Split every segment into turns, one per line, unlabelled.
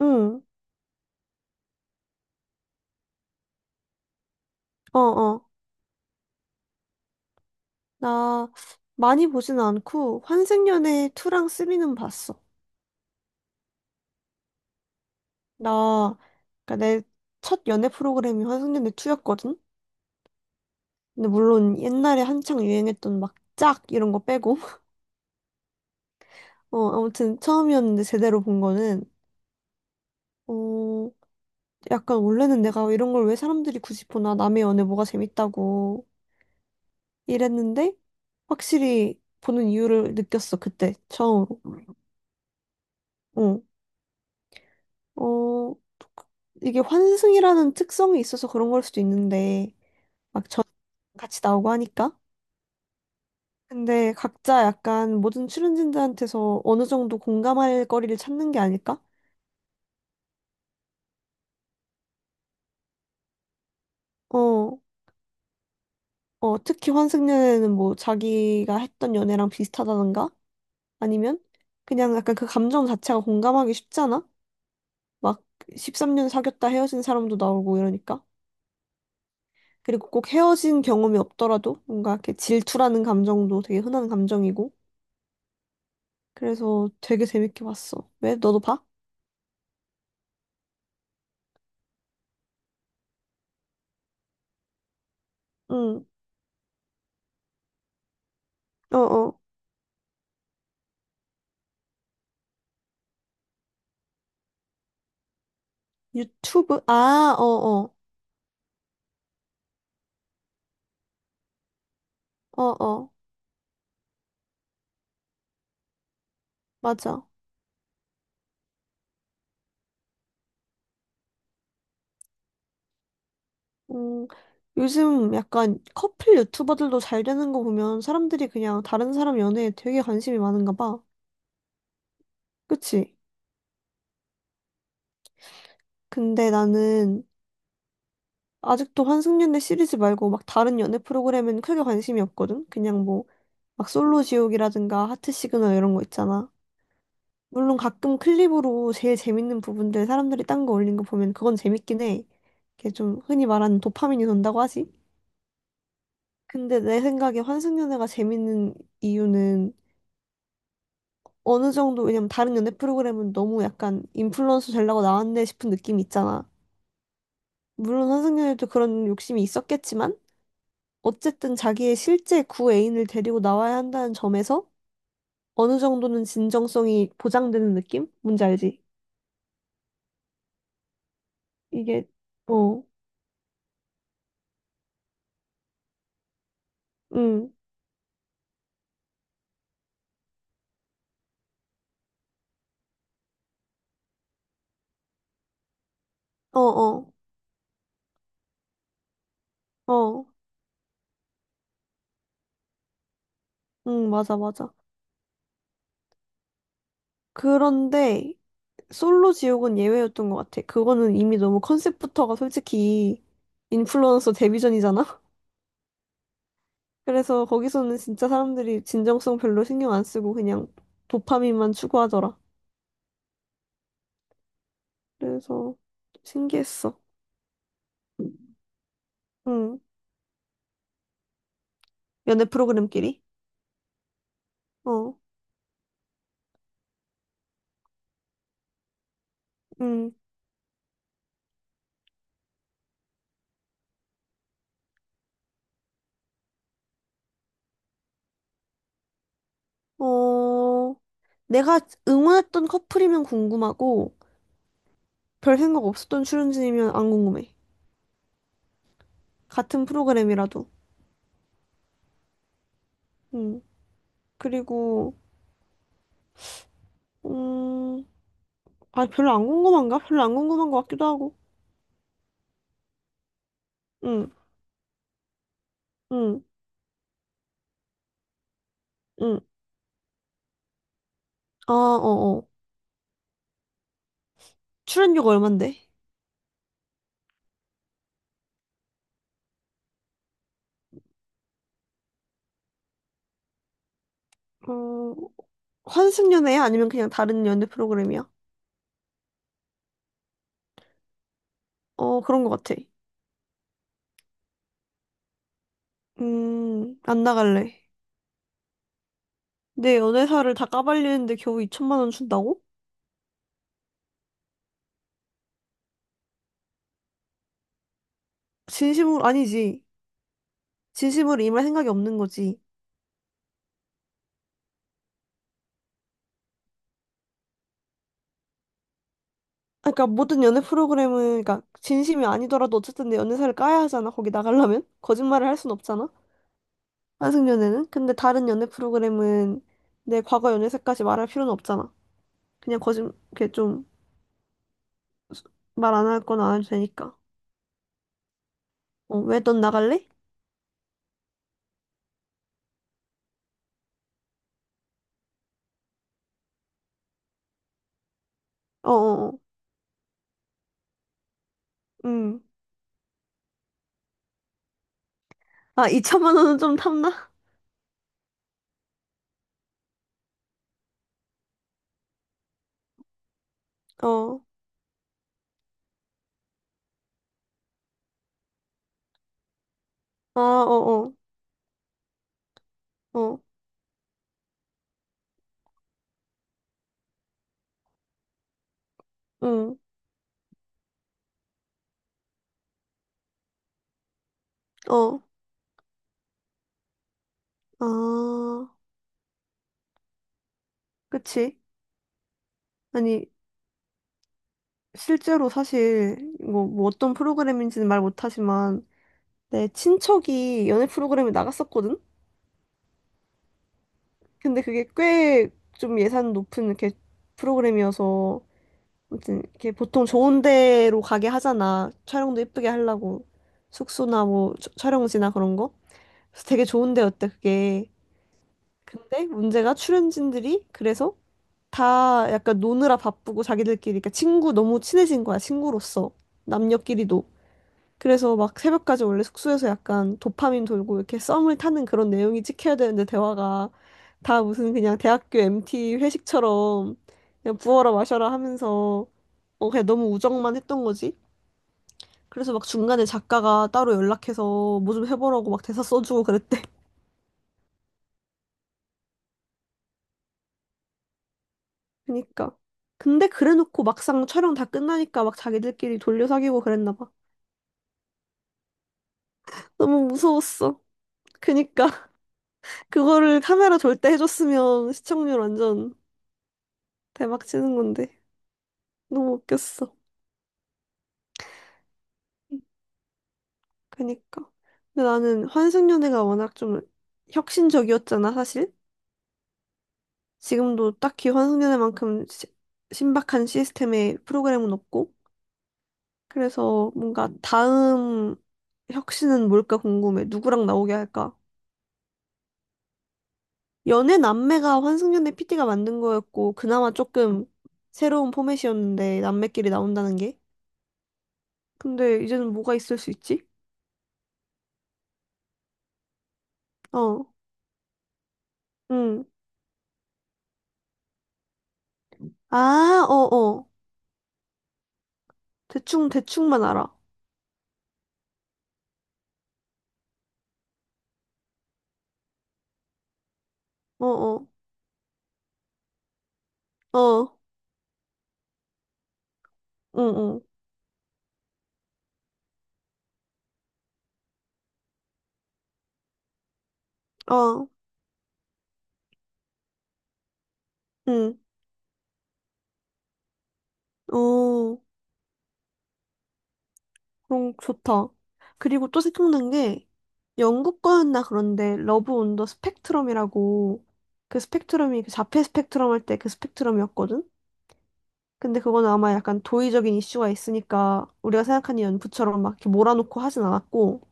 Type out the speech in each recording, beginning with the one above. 응, 어, 어. 나 많이 보진 않고 환생연애 2랑 3는 봤어. 나, 그니까 내 첫 연애 프로그램이 환생연애 2였거든? 근데 물론 옛날에 한창 유행했던 막 짝 이런 거 빼고. 아무튼 처음이었는데 제대로 본 거는, 어, 약간 원래는 내가 이런 걸 왜 사람들이 굳이 보나 남의 연애 뭐가 재밌다고 이랬는데 확실히 보는 이유를 느꼈어, 그때 처음으로. 어. 어, 이게 환승이라는 특성이 있어서 그런 걸 수도 있는데, 막 전 같이 나오고 하니까. 근데 각자 약간 모든 출연진들한테서 어느 정도 공감할 거리를 찾는 게 아닐까? 어, 특히 환승 연애는 뭐 자기가 했던 연애랑 비슷하다던가? 아니면 그냥 약간 그 감정 자체가 공감하기 쉽잖아? 막 13년 사귀었다 헤어진 사람도 나오고 이러니까. 그리고 꼭 헤어진 경험이 없더라도 뭔가 이렇게 질투라는 감정도 되게 흔한 감정이고. 그래서 되게 재밌게 봤어. 왜? 너도 봐? 응, 어어. 유튜브? 아, 어어. 어어. 맞아. 음, 요즘 약간 커플 유튜버들도 잘 되는 거 보면 사람들이 그냥 다른 사람 연애에 되게 관심이 많은가 봐. 그치? 근데 나는 아직도 환승연애 시리즈 말고 막 다른 연애 프로그램는 크게 관심이 없거든? 그냥 뭐, 막 솔로 지옥이라든가 하트 시그널 이런 거 있잖아. 물론 가끔 클립으로 제일 재밌는 부분들 사람들이 딴 거 올린 거 보면 그건 재밌긴 해. 이게 좀 흔히 말하는 도파민이 돈다고 하지? 근데 내 생각에 환승연애가 재밌는 이유는 어느 정도 왜냐면 다른 연애 프로그램은 너무 약간 인플루언서 되려고 나왔네 싶은 느낌이 있잖아. 물론 환승연애도 그런 욕심이 있었겠지만 어쨌든 자기의 실제 구애인을 데리고 나와야 한다는 점에서 어느 정도는 진정성이 보장되는 느낌? 뭔지 알지? 이게 어, 응, 어, 어, 어. 응, 맞아, 맞아. 그런데 솔로 지옥은 예외였던 것 같아. 그거는 이미 너무 컨셉부터가 솔직히 인플루언서 데뷔전이잖아? 그래서 거기서는 진짜 사람들이 진정성 별로 신경 안 쓰고 그냥 도파민만 추구하더라. 그래서 신기했어. 응. 연애 프로그램끼리? 어, 응. 어, 내가 응원했던 커플이면 궁금하고 별 생각 없었던 출연진이면 안 궁금해. 같은 프로그램이라도. 응. 그리고, 음, 아, 별로 안 궁금한가? 별로 안 궁금한 것 같기도 하고. 응, 응, 응. 아, 어, 어. 출연료가 얼만데? 어, 환승연애야? 아니면 그냥 다른 연애 프로그램이야? 어, 그런 것 같아. 안 나갈래. 내 연애사를 다 까발리는데 겨우 2천만 원 준다고? 진심으로, 아니지. 진심으로 임할 생각이 없는 거지. 아, 그러니까 모든 연애 프로그램은, 그러니까 진심이 아니더라도 어쨌든 내 연애사를 까야 하잖아. 거기 나가려면. 거짓말을 할 순 없잖아. 환승연애는? 근데 다른 연애 프로그램은 내 과거 연애사까지 말할 필요는 없잖아. 그냥 이렇게 좀 말 안 할 거나 안 해도 되니까. 어, 왜 넌 나갈래? 어어어, 음. 아, 2천만 원은 좀 탐나? 어, 아, 어어, 어, 어. 응, 어, 아, 그치. 아니, 실제로 사실, 뭐 어떤 프로그램인지는 말 못하지만, 내 친척이 연애 프로그램에 나갔었거든? 근데 그게 꽤 좀 예산 높은 이렇게 프로그램이어서, 아무튼 이렇게 보통 좋은 데로 가게 하잖아. 촬영도 예쁘게 하려고. 숙소나 뭐 촬영지나 그런 거. 그래서 되게 좋은 데였대, 그게. 근데 문제가 출연진들이 그래서 다 약간 노느라 바쁘고 자기들끼리 그러니까 친구 너무 친해진 거야, 친구로서. 남녀끼리도. 그래서 막 새벽까지 원래 숙소에서 약간 도파민 돌고 이렇게 썸을 타는 그런 내용이 찍혀야 되는데 대화가 다 무슨 그냥 대학교 MT 회식처럼 그냥 부어라 마셔라 하면서 그냥 너무 우정만 했던 거지. 그래서 막 중간에 작가가 따로 연락해서 뭐 좀 해보라고 막 대사 써주고 그랬대. 그니까. 근데 그래놓고 막상 촬영 다 끝나니까 막 자기들끼리 돌려 사귀고 그랬나 봐. 너무 무서웠어. 그니까 그거를 카메라 절대 해줬으면 시청률 완전 대박 치는 건데. 너무 웃겼어. 그니까. 근데 나는 환승연애가 워낙 좀 혁신적이었잖아, 사실. 지금도 딱히 환승연애만큼 신박한 시스템의 프로그램은 없고. 그래서 뭔가 다음 혁신은 뭘까 궁금해. 누구랑 나오게 할까? 연애 남매가 환승연애 PD 가 만든 거였고, 그나마 조금 새로운 포맷이었는데, 남매끼리 나온다는 게. 근데 이제는 뭐가 있을 수 있지? 어, 응. 아, 어어. 대충, 대충만 알아. 어, 어, 어, 응, 응, 어, 응, 어, 그럼 좋다. 그리고 또 생각난 게, 영국 거였나 그런데, 러브 온더 스펙트럼이라고, 그 스펙트럼이 그 자폐 스펙트럼 할 때 그 스펙트럼이었거든? 근데 그건 아마 약간 도의적인 이슈가 있으니까, 우리가 생각하는 연구처럼 막 이렇게 몰아놓고 하진 않았고,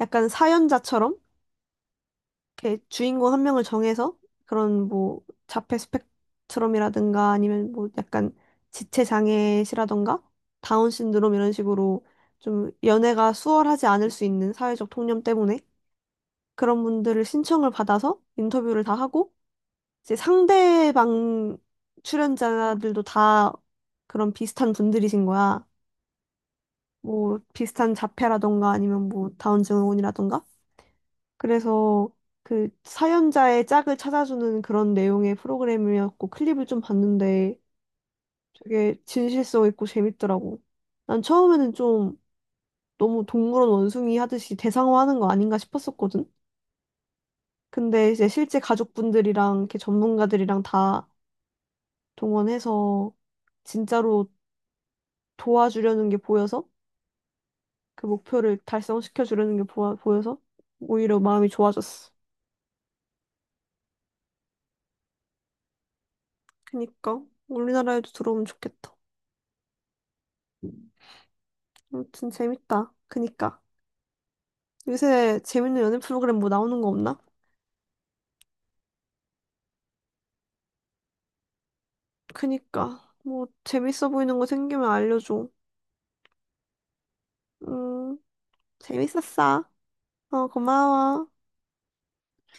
약간 사연자처럼? 이렇게 주인공 한 명을 정해서 그런 뭐 자폐 스펙트럼이라든가 아니면 뭐 약간 지체 장애시라든가 다운 신드롬 이런 식으로 좀 연애가 수월하지 않을 수 있는 사회적 통념 때문에 그런 분들을 신청을 받아서 인터뷰를 다 하고 이제 상대방 출연자들도 다 그런 비슷한 분들이신 거야. 뭐 비슷한 자폐라던가 아니면 뭐 다운 증후군이라던가 그래서 그 사연자의 짝을 찾아주는 그런 내용의 프로그램이었고 클립을 좀 봤는데 되게 진실성 있고 재밌더라고. 난 처음에는 좀 너무 동물원 원숭이 하듯이 대상화하는 거 아닌가 싶었었거든. 근데 이제 실제 가족분들이랑 이렇게 전문가들이랑 다 동원해서 진짜로 도와주려는 게 보여서 그 목표를 달성시켜 주려는 게 보여서 오히려 마음이 좋아졌어. 그니까 우리나라에도 들어오면 좋겠다. 아무튼 재밌다. 그니까. 요새 재밌는 연애 프로그램 뭐 나오는 거 없나? 그니까. 뭐 재밌어 보이는 거 생기면 알려줘. 음, 재밌었어. 어, 고마워.